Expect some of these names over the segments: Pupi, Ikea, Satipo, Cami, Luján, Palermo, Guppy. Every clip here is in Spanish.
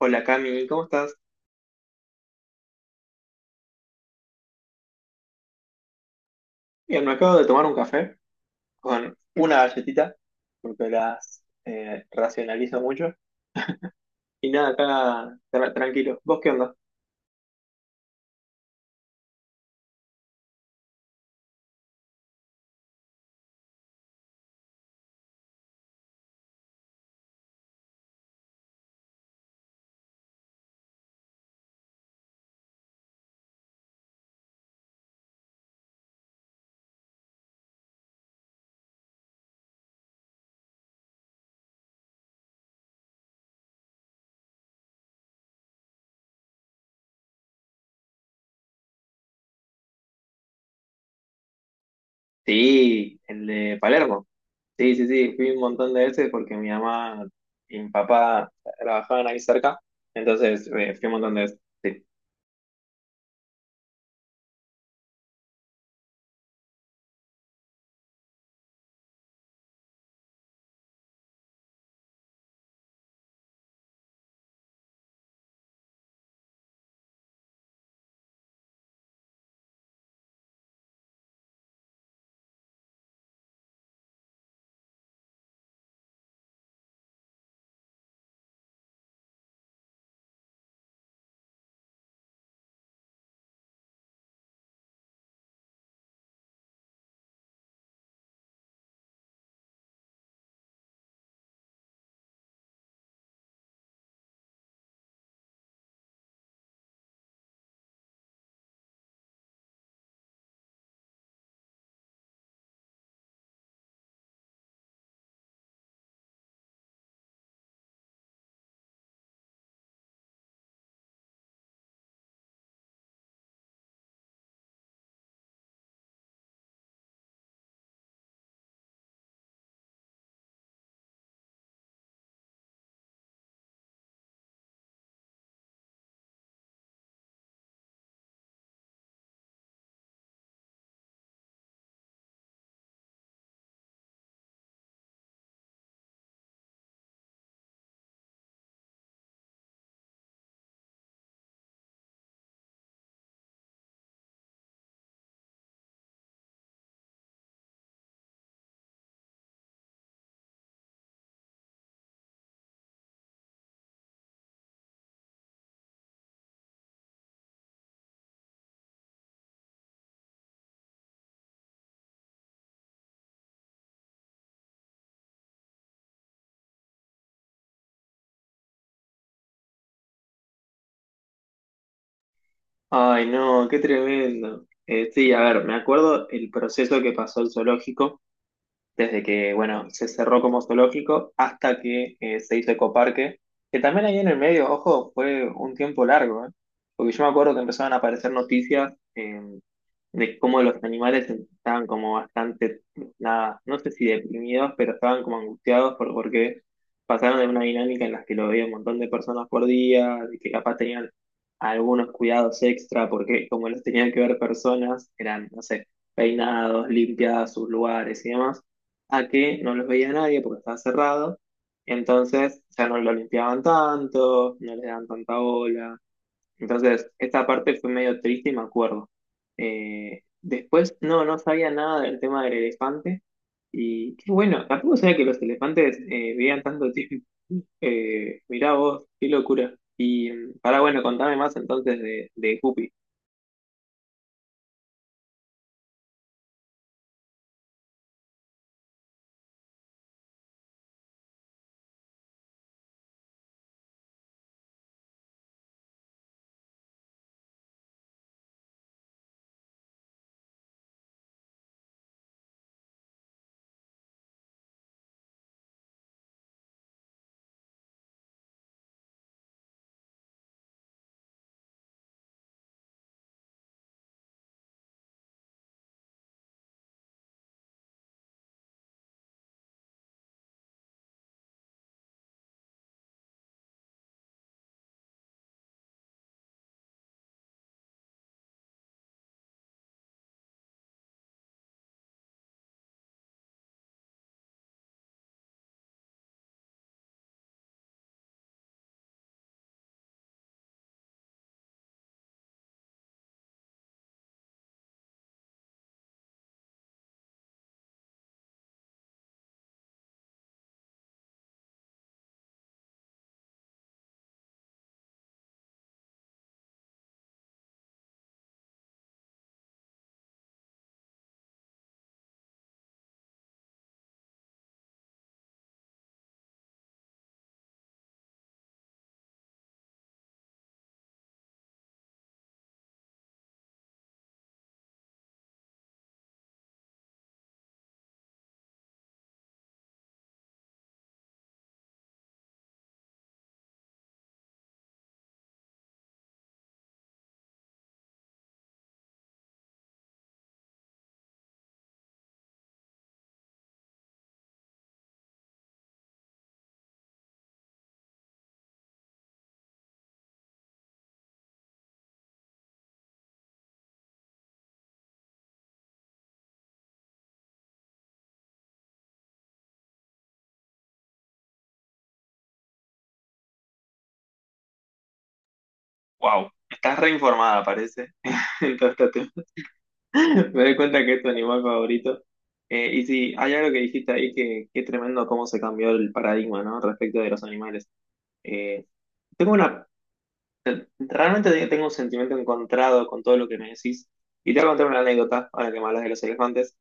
Hola Cami, ¿cómo estás? Bien, me acabo de tomar un café con una galletita, porque las racionalizo mucho. Y nada, acá tranquilo. ¿Vos qué onda? Sí, el de Palermo. Sí, sí, sí, fui un montón de veces porque mi mamá y mi papá trabajaban ahí cerca, entonces fui un montón de veces. Sí. Ay, no, qué tremendo. Sí, a ver, me acuerdo el proceso que pasó el zoológico desde que, bueno, se cerró como zoológico hasta que se hizo ecoparque, que también ahí en el medio, ojo, fue un tiempo largo, ¿eh? Porque yo me acuerdo que empezaban a aparecer noticias de cómo los animales estaban como bastante, nada, no sé si deprimidos, pero estaban como angustiados porque pasaron de una dinámica en la que lo veía un montón de personas por día, de que capaz tenían algunos cuidados extra, porque como los tenían que ver personas, eran, no sé, peinados, limpiadas sus lugares y demás, a que no los veía nadie porque estaba cerrado. Entonces, o sea, no lo limpiaban tanto, no le daban tanta bola. Entonces, esta parte fue medio triste y me acuerdo. Después, no sabía nada del tema del elefante. Y qué bueno, tampoco sabía que los elefantes vivían tanto tiempo. Mirá vos, qué locura. Y para bueno, contame más entonces de Guppy. Wow, estás reinformada, parece, en todo este tema. Me doy cuenta que es tu animal favorito. Y sí, hay algo que dijiste ahí que es tremendo cómo se cambió el paradigma, ¿no? Respecto de los animales. Eh, tengo una, realmente tengo un sentimiento encontrado con todo lo que me decís. Y te voy a contar una anécdota ahora que me hablas de los elefantes.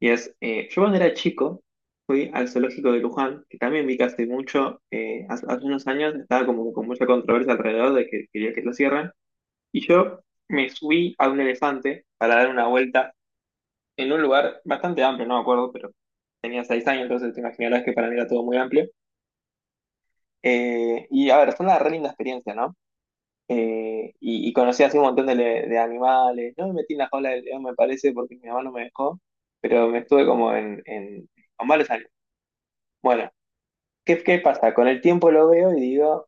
Y es, yo cuando era chico fui al zoológico de Luján, que también vi que hace mucho, hace unos años estaba como con mucha controversia alrededor de que quería que lo cierren. Y yo me subí a un elefante para dar una vuelta en un lugar bastante amplio, no me acuerdo, pero tenía 6 años, entonces te imaginarás que para mí era todo muy amplio. Y a ver, fue una re linda experiencia, ¿no? Y conocí así un montón de animales. No me metí en la jaula del león, me parece, porque mi mamá no me dejó, pero me estuve como en con varios años. Bueno, ¿qué, qué pasa? Con el tiempo lo veo y digo,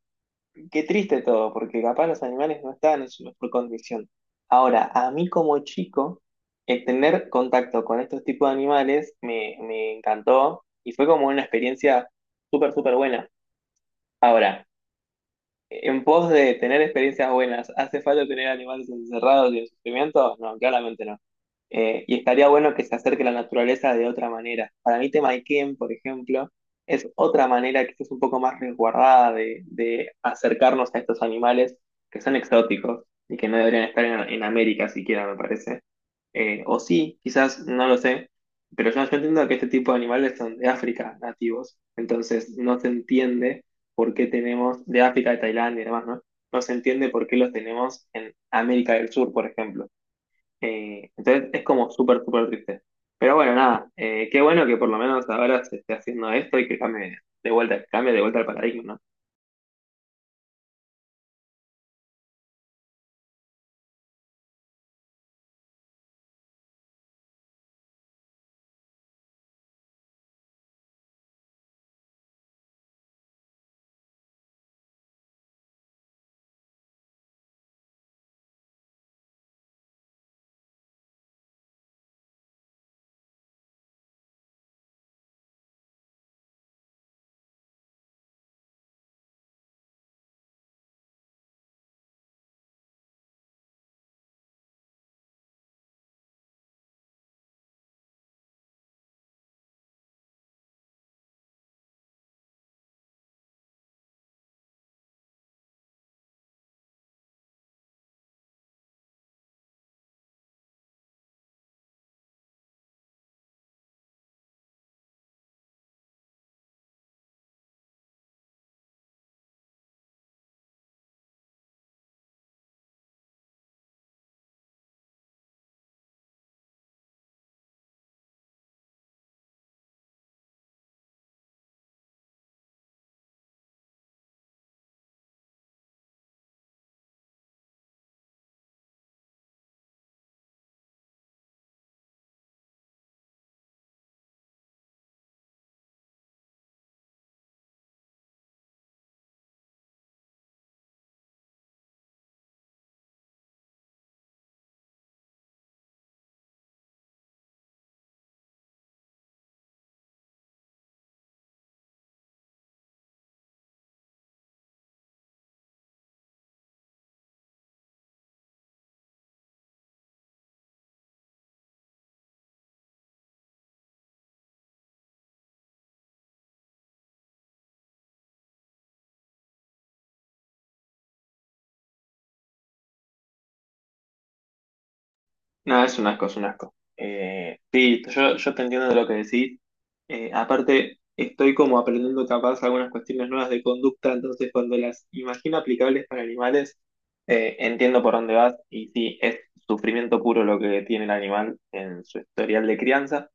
qué triste todo, porque capaz los animales no estaban en su mejor condición. Ahora, a mí como chico, el tener contacto con estos tipos de animales me encantó y fue como una experiencia súper, súper buena. Ahora, en pos de tener experiencias buenas, ¿hace falta tener animales encerrados y en sufrimiento? No, claramente no. Y estaría bueno que se acerque la naturaleza de otra manera. Para mí, tema Ikea, por ejemplo, es otra manera que es un poco más resguardada de acercarnos a estos animales que son exóticos y que no deberían estar en América siquiera, me parece. O sí, quizás, no lo sé, pero yo entiendo que este tipo de animales son de África nativos, entonces no se entiende por qué tenemos de África, de Tailandia y demás, ¿no? No se entiende por qué los tenemos en América del Sur, por ejemplo. Entonces es como súper, súper triste. Pero bueno, nada, qué bueno que por lo menos ahora se esté haciendo esto y que cambie de vuelta el paradigma, ¿no? No, es un asco, es un asco. Sí, yo te entiendo de lo que decís. Aparte, estoy como aprendiendo capaz algunas cuestiones nuevas de conducta, entonces cuando las imagino aplicables para animales, entiendo por dónde vas y sí, es sufrimiento puro lo que tiene el animal en su historial de crianza,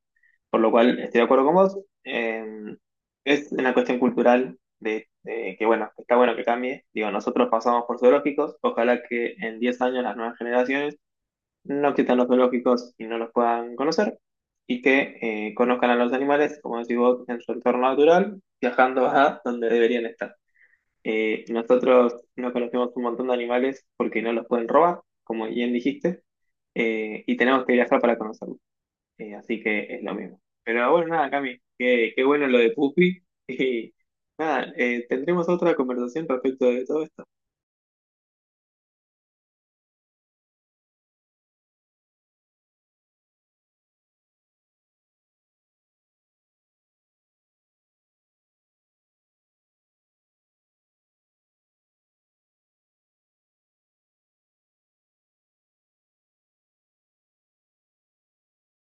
por lo cual estoy de acuerdo con vos. Eh, es una cuestión cultural de que, bueno, está bueno que cambie. Digo, nosotros pasamos por zoológicos, ojalá que en 10 años las nuevas generaciones no quitan los zoológicos y no los puedan conocer, y que conozcan a los animales, como decís vos, en su entorno natural, viajando a donde deberían estar. Nosotros no conocemos un montón de animales porque no los pueden robar, como bien dijiste, y tenemos que viajar para conocerlos. Así que es lo mismo. Pero bueno, nada, Cami, qué, qué bueno lo de Pupi. Y nada, tendremos otra conversación respecto de todo esto.